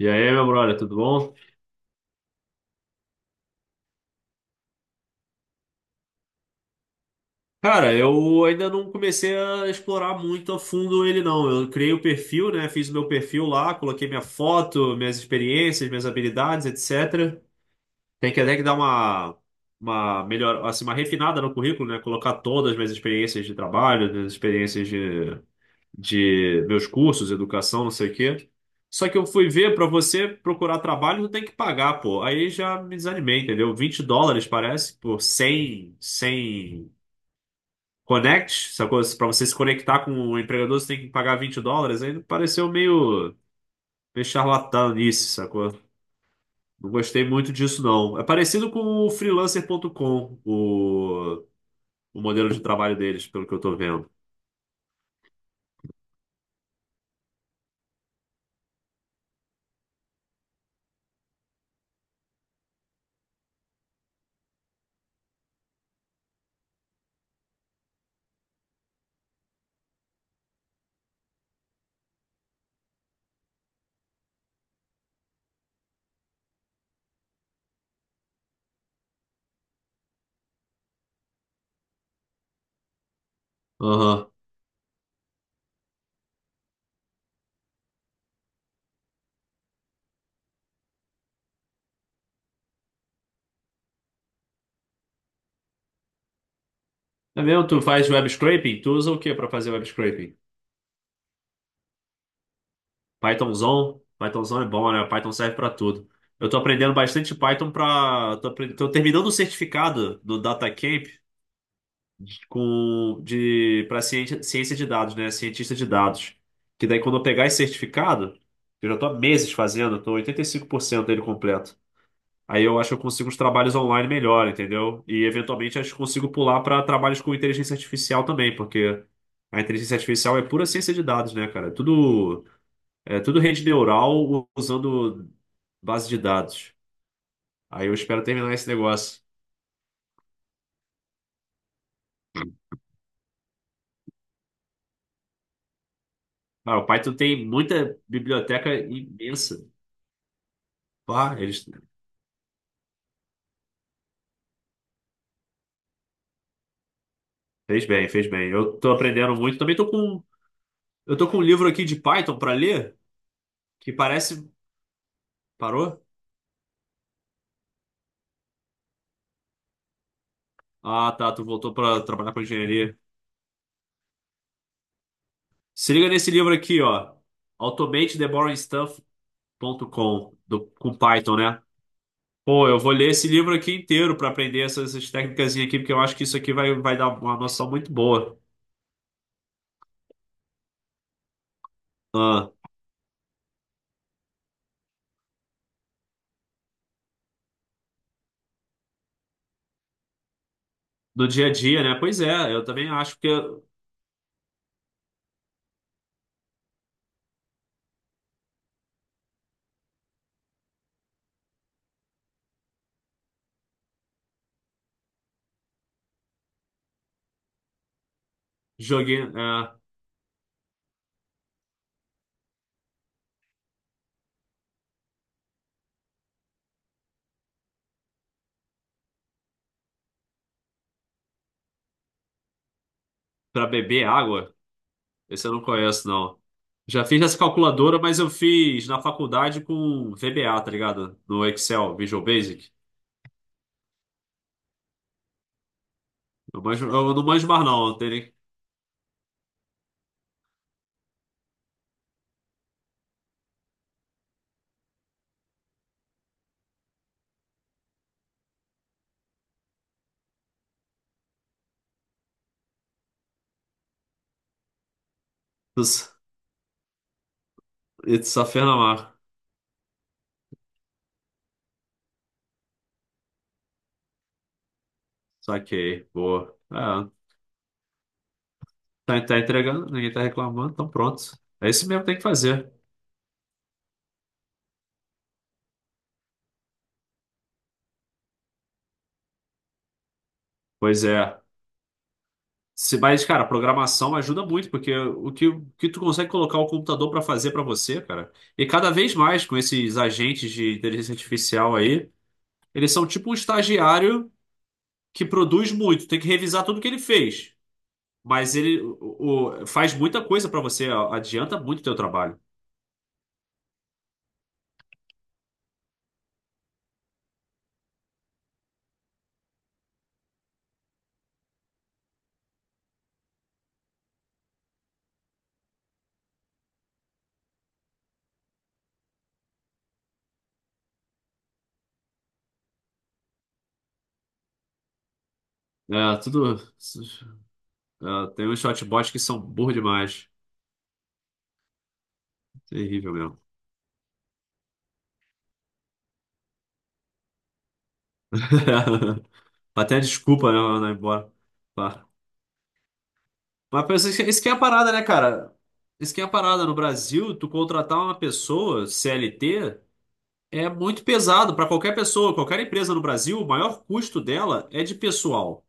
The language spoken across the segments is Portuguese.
E aí, meu brother, tudo bom? Cara, eu ainda não comecei a explorar muito a fundo ele, não. Eu criei o perfil, né? Fiz o meu perfil lá, coloquei minha foto, minhas experiências, minhas habilidades, etc. Tem que até que dar uma melhor, assim, uma refinada no currículo, né? Colocar todas as minhas experiências de trabalho, minhas experiências de meus cursos, educação, não sei o quê. Só que eu fui ver, pra você procurar trabalho, tu tem que pagar, pô. Aí já me desanimei, entendeu? US$ 20, parece, por cem Connect, sacou? Pra você se conectar com o empregador, você tem que pagar US$ 20. Aí pareceu meio charlatanice, sacou? Não gostei muito disso, não. É parecido com o freelancer.com, o modelo de trabalho deles, pelo que eu tô vendo. Aham. É mesmo? Tu faz web scraping? Tu usa o que para fazer web scraping? Pythonzão? Pythonzão é bom, né? Python serve para tudo. Eu tô aprendendo bastante Python Tô terminando o certificado do DataCamp com de para ciência de dados, né? Cientista de dados. Que daí quando eu pegar esse certificado, que eu já estou há meses fazendo, estou eu por cento dele completo. Aí eu acho que eu consigo os trabalhos online melhor, entendeu? E eventualmente acho que consigo pular para trabalhos com inteligência artificial também, porque a inteligência artificial é pura ciência de dados, né, cara? É tudo rede neural usando base de dados. Aí eu espero terminar esse negócio. Ah, o Python tem muita biblioteca imensa. Pá, eles Fez bem, fez bem. Eu tô aprendendo muito. Também eu tô com um livro aqui de Python para ler, que parece. Parou? Ah, tá. Tu voltou para trabalhar com engenharia. Se liga nesse livro aqui, ó. Automate the boring stuff ponto com do, com Python, né? Pô, eu vou ler esse livro aqui inteiro para aprender essas técnicas aqui, porque eu acho que isso aqui vai dar uma noção muito boa. Ah, no dia a dia, né? Pois é, eu também acho que eu joguei, para beber água. Esse eu não conheço, não. Já fiz essa calculadora, mas eu fiz na faculdade com VBA, tá ligado? No Excel, Visual Basic. Eu, manjo- eu não manjo mais, não. Eu tenho... It's a Fernamar. Saquei. Boa. É, tá, tá entregando, ninguém tá reclamando, então pronto. É isso mesmo que tem que fazer. Pois é. Se, mas, cara, programação ajuda muito, porque o que tu consegue colocar o computador pra fazer pra você, cara. E cada vez mais com esses agentes de inteligência artificial aí, eles são tipo um estagiário que produz muito, tem que revisar tudo que ele fez. Mas ele faz muita coisa pra você, adianta muito o teu trabalho. É, tudo. É, tem uns chatbots que são burro demais. Terrível mesmo. Até desculpa, né, mano, ir embora. Pá. Mas pensa, isso que é a parada, né, cara? Isso que é a parada. No Brasil, tu contratar uma pessoa CLT é muito pesado pra qualquer pessoa, qualquer empresa no Brasil, o maior custo dela é de pessoal.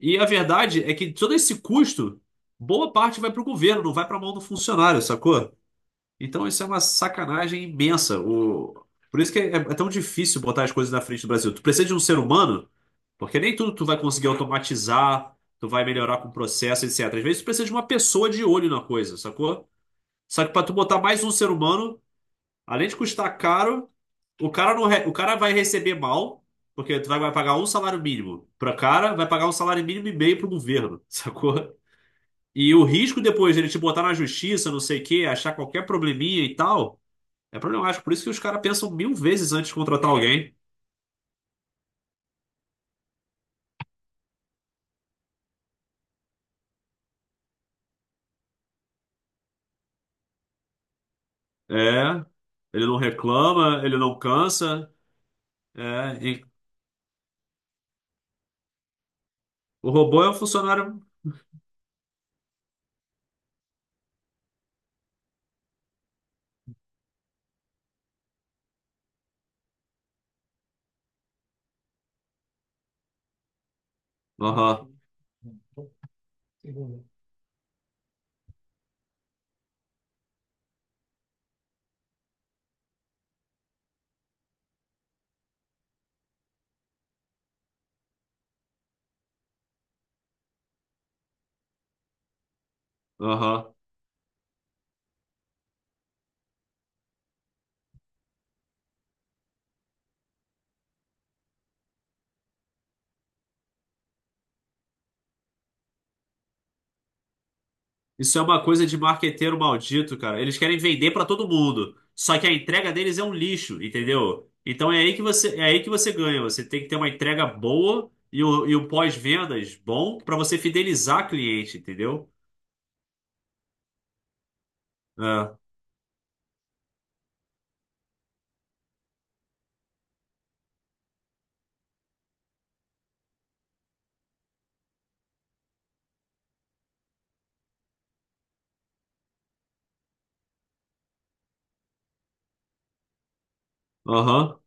E a verdade é que todo esse custo, boa parte vai para o governo, não vai para a mão do funcionário, sacou? Então isso é uma sacanagem imensa. O... Por isso que é tão difícil botar as coisas na frente do Brasil. Tu precisa de um ser humano, porque nem tudo tu vai conseguir automatizar, tu vai melhorar com o processo, etc. Às vezes tu precisa de uma pessoa de olho na coisa, sacou? Só que para tu botar mais um ser humano, além de custar caro, o cara, não re- o cara vai receber mal, porque tu vai pagar um salário mínimo para cara, vai pagar um salário mínimo e meio pro governo, sacou? E o risco depois dele te botar na justiça, não sei o quê, achar qualquer probleminha e tal, é problemático. Por isso que os caras pensam mil vezes antes de contratar alguém. É, ele não reclama, ele não cansa. É, e o robô é um funcionário. Aham, aham. Isso é uma coisa de marqueteiro maldito, cara. Eles querem vender pra todo mundo. Só que a entrega deles é um lixo, entendeu? Então é aí que você, é aí que você ganha. Você tem que ter uma entrega boa e o pós-vendas bom pra você fidelizar cliente, entendeu? É. Aham.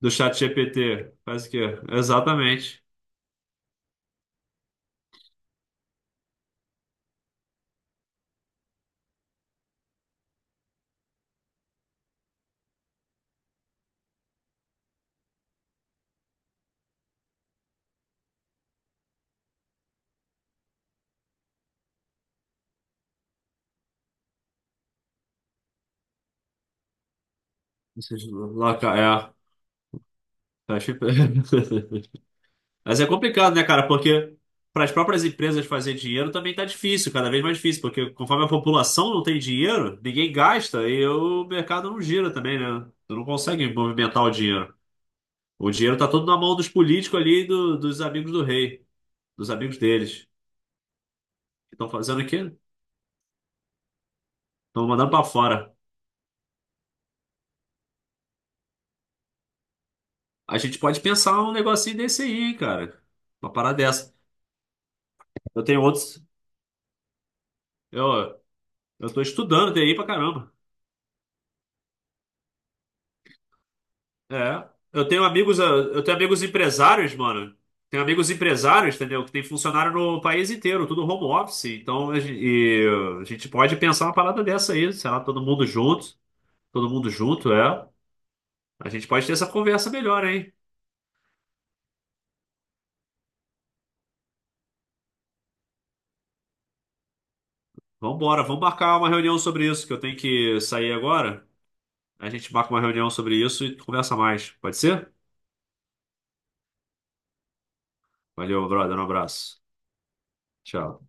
Do chat GPT. Faz o quê? Exatamente. Esses É. Tá chip- Mas é complicado, né, cara? Porque para as próprias empresas fazer dinheiro também tá difícil, cada vez mais difícil, porque conforme a população não tem dinheiro, ninguém gasta e o mercado não gira também, né? Tu não consegue movimentar o dinheiro. O dinheiro tá todo na mão dos políticos ali, e dos amigos do rei, dos amigos deles. Estão fazendo o quê? Estão mandando para fora. A gente pode pensar um negocinho desse aí, hein, cara. Uma parada dessa. Eu tenho outros. Eu, eu tô estudando TI pra caramba. É. Eu tenho amigos, ah, eu tenho amigos empresários, mano. Tenho amigos empresários, entendeu? Que tem funcionário no país inteiro, tudo home office. Então a gente pode pensar uma parada dessa aí, sei lá, todo mundo junto, é. A gente pode ter essa conversa melhor, hein? Vambora, vamos marcar uma reunião sobre isso, que eu tenho que sair agora. A gente marca uma reunião sobre isso e conversa mais. Pode ser? Valeu, brother, um abraço. Tchau.